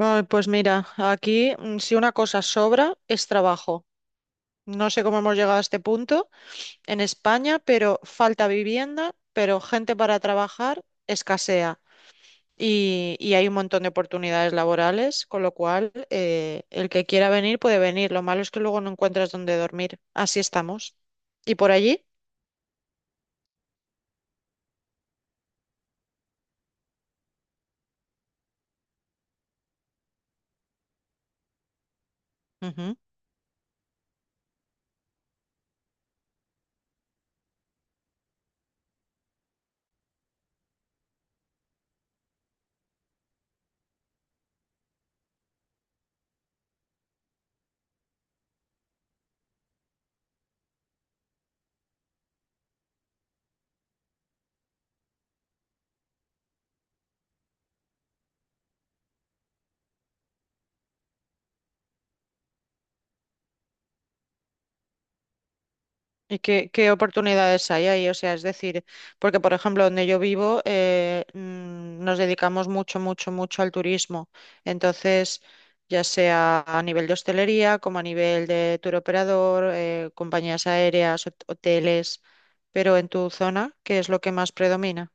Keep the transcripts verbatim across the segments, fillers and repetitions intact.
Ay, pues mira, aquí mm, si una cosa sobra es trabajo. No sé cómo hemos llegado a este punto en España, pero falta vivienda, pero gente para trabajar escasea. Y, y hay un montón de oportunidades laborales, con lo cual eh, el que quiera venir puede venir. Lo malo es que luego no encuentras dónde dormir. Así estamos. ¿Y por allí? ¿Y qué, qué oportunidades hay ahí? O sea, es decir, porque por ejemplo, donde yo vivo, eh, mm, nos dedicamos mucho, mucho, mucho al turismo. Entonces, ya sea a nivel de hostelería, como a nivel de tour operador, eh, compañías aéreas, hot- hoteles, pero en tu zona, ¿qué es lo que más predomina?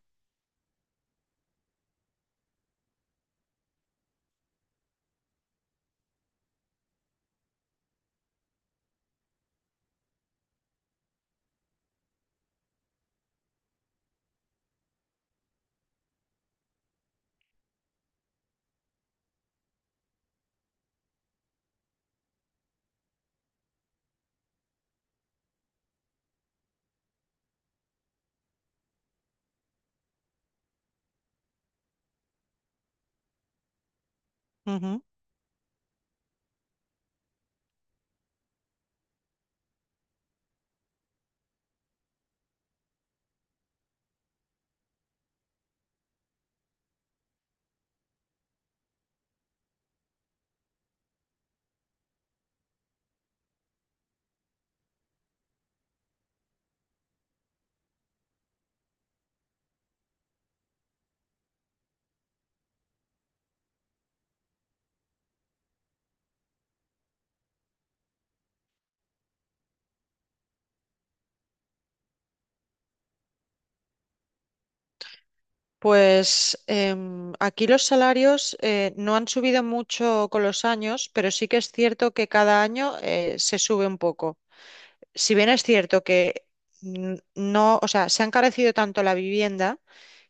Ujú. Pues em, aquí los salarios eh, no han subido mucho con los años, pero sí que es cierto que cada año eh, se sube un poco. Si bien es cierto que n- no, o sea, se ha encarecido tanto la vivienda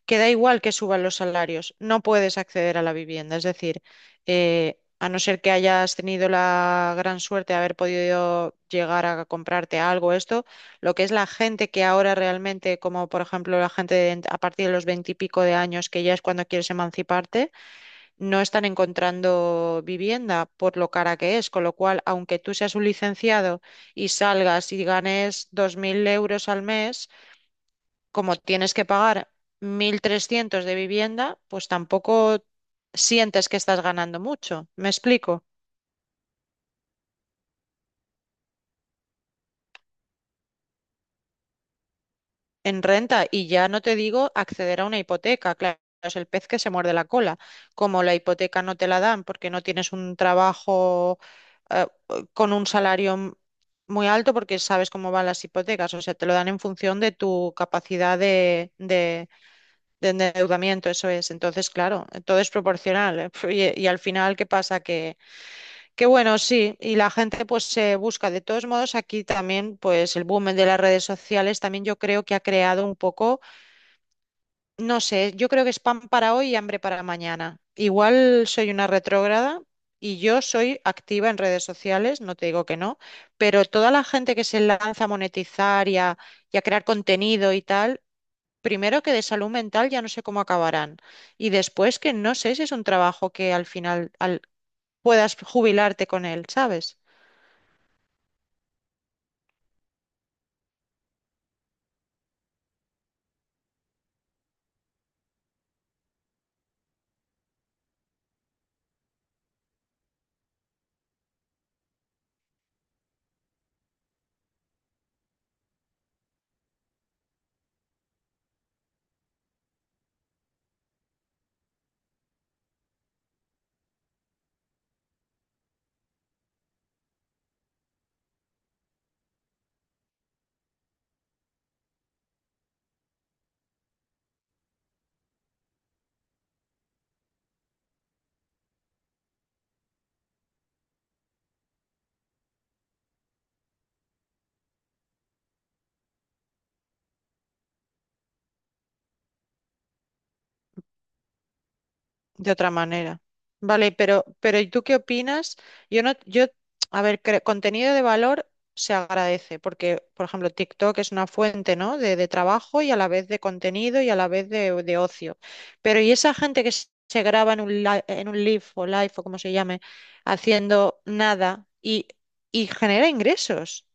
que da igual que suban los salarios, no puedes acceder a la vivienda. Es decir, eh, a no ser que hayas tenido la gran suerte de haber podido llegar a comprarte algo, esto, lo que es la gente que ahora realmente, como por ejemplo la gente de- a partir de los veintipico de años, que ya es cuando quieres emanciparte, no están encontrando vivienda por lo cara que es, con lo cual, aunque tú seas un licenciado y salgas y ganes dos mil euros al mes, como tienes que pagar mil trescientos de vivienda, pues tampoco sientes que estás ganando mucho. ¿Me explico? En renta y ya no te digo acceder a una hipoteca, claro, es el pez que se muerde la cola. Como la hipoteca no te la dan porque no tienes un trabajo eh, con un salario m- muy alto, porque sabes cómo van las hipotecas, o sea, te lo dan en función de tu capacidad de, de- de- endeudamiento, eso es. Entonces, claro, todo es proporcional. ¿Eh? Y, y al final, ¿qué pasa? Que, que bueno, sí, y la gente pues se busca. De todos modos, aquí también, pues el boom de las redes sociales también yo creo que ha creado un poco, no sé, yo creo que es pan para hoy y hambre para mañana. Igual soy una retrógrada y yo soy activa en redes sociales, no te digo que no, pero toda la gente que se lanza a monetizar y a, y a crear contenido y tal, primero que de salud mental ya no sé cómo acabarán y después que no sé si es un trabajo que al final al- puedas jubilarte con él, ¿sabes? De otra manera. Vale, pero, pero ¿y tú qué opinas? Yo no, yo, a ver, cre- contenido de valor se agradece, porque, por ejemplo, TikTok es una fuente, ¿no? De, de trabajo y a la vez de contenido y a la vez de, de ocio. Pero ¿y esa gente que s- se graba en un, li- en un live o live o como se llame, haciendo nada y, y genera ingresos?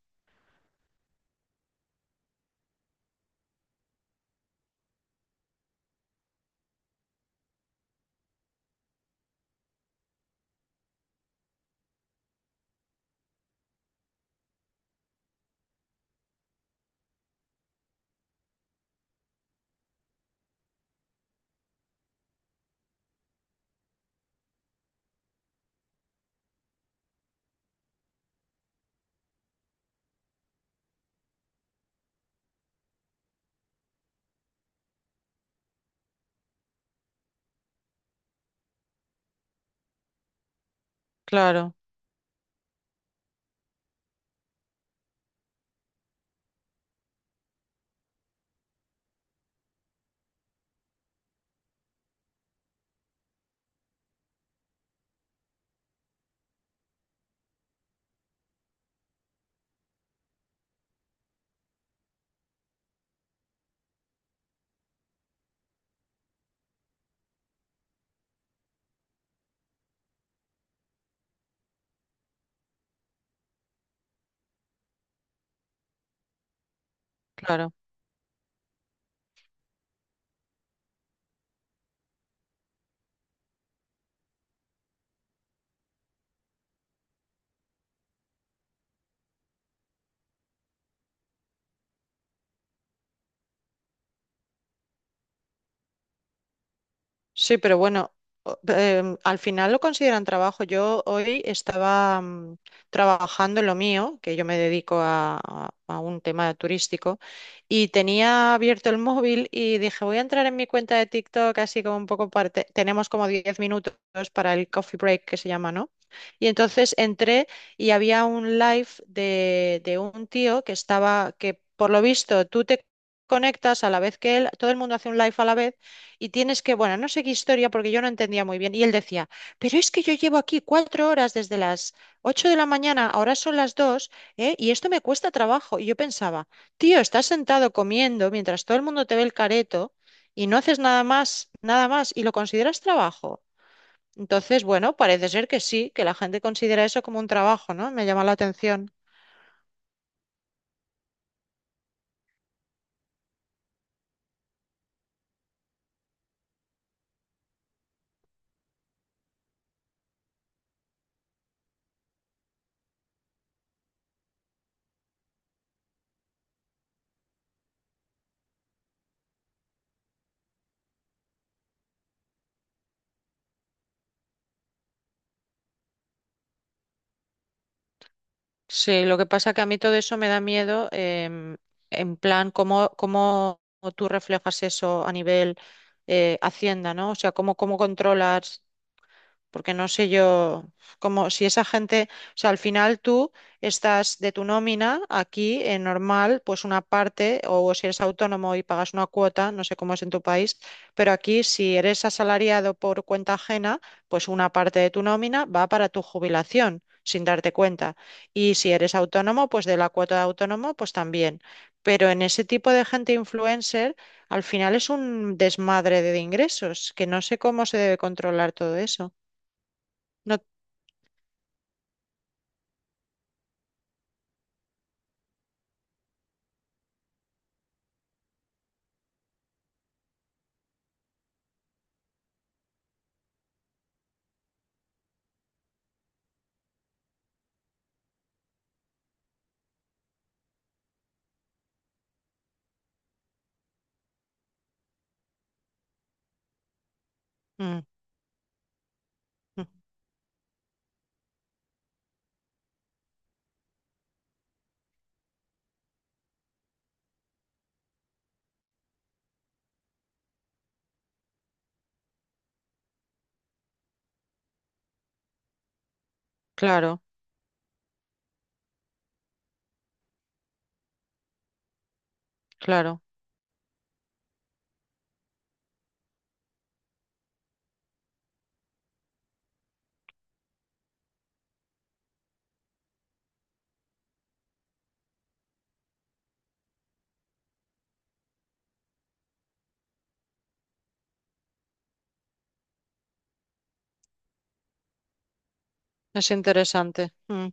Claro, claro. Sí, pero bueno, o- em, al final lo consideran trabajo. Yo hoy estaba mm, trabajando en lo mío, que yo me dedico a, a- a un tema turístico, y tenía abierto el móvil y dije, voy a entrar en mi cuenta de TikTok, así como un poco parte. Tenemos como diez minutos para el coffee break que se llama, ¿no? Y entonces entré y había un live de, de un tío que estaba, que por lo visto tú te conectas a la vez que él, todo el mundo hace un live a la vez y tienes que, bueno, no sé qué historia porque yo no entendía muy bien. Y él decía, pero es que yo llevo aquí cuatro horas desde las ocho de la mañana, ahora son las dos, ¿eh? Y esto me cuesta trabajo. Y yo pensaba, tío, estás sentado comiendo mientras todo el mundo te ve el careto y no haces nada más, nada más, y lo consideras trabajo. Entonces, bueno, parece ser que sí, que la gente considera eso como un trabajo, ¿no? Me llama la atención. Sí, lo que pasa que a mí todo eso me da miedo, em, en plan, cómo, cómo tú reflejas eso a nivel eh, Hacienda, ¿no? O sea, cómo, cómo controlas porque no sé yo, como si esa gente, o sea, al final tú estás de tu nómina aquí en normal, pues una parte, o si eres autónomo y pagas una cuota, no sé cómo es en tu país, pero aquí si eres asalariado por cuenta ajena, pues una parte de tu nómina va para tu jubilación, sin darte cuenta. Y si eres autónomo, pues de la cuota de autónomo, pues también. Pero en ese tipo de gente influencer, al final es un desmadre de ingresos, que no sé cómo se debe controlar todo eso. No, mm, mm, claro, claro. Es interesante. Mm,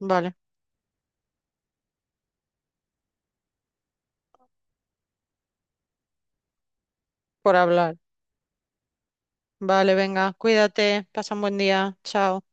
vale, por hablar. Vale, venga, cuídate, pasa un buen día. Chao.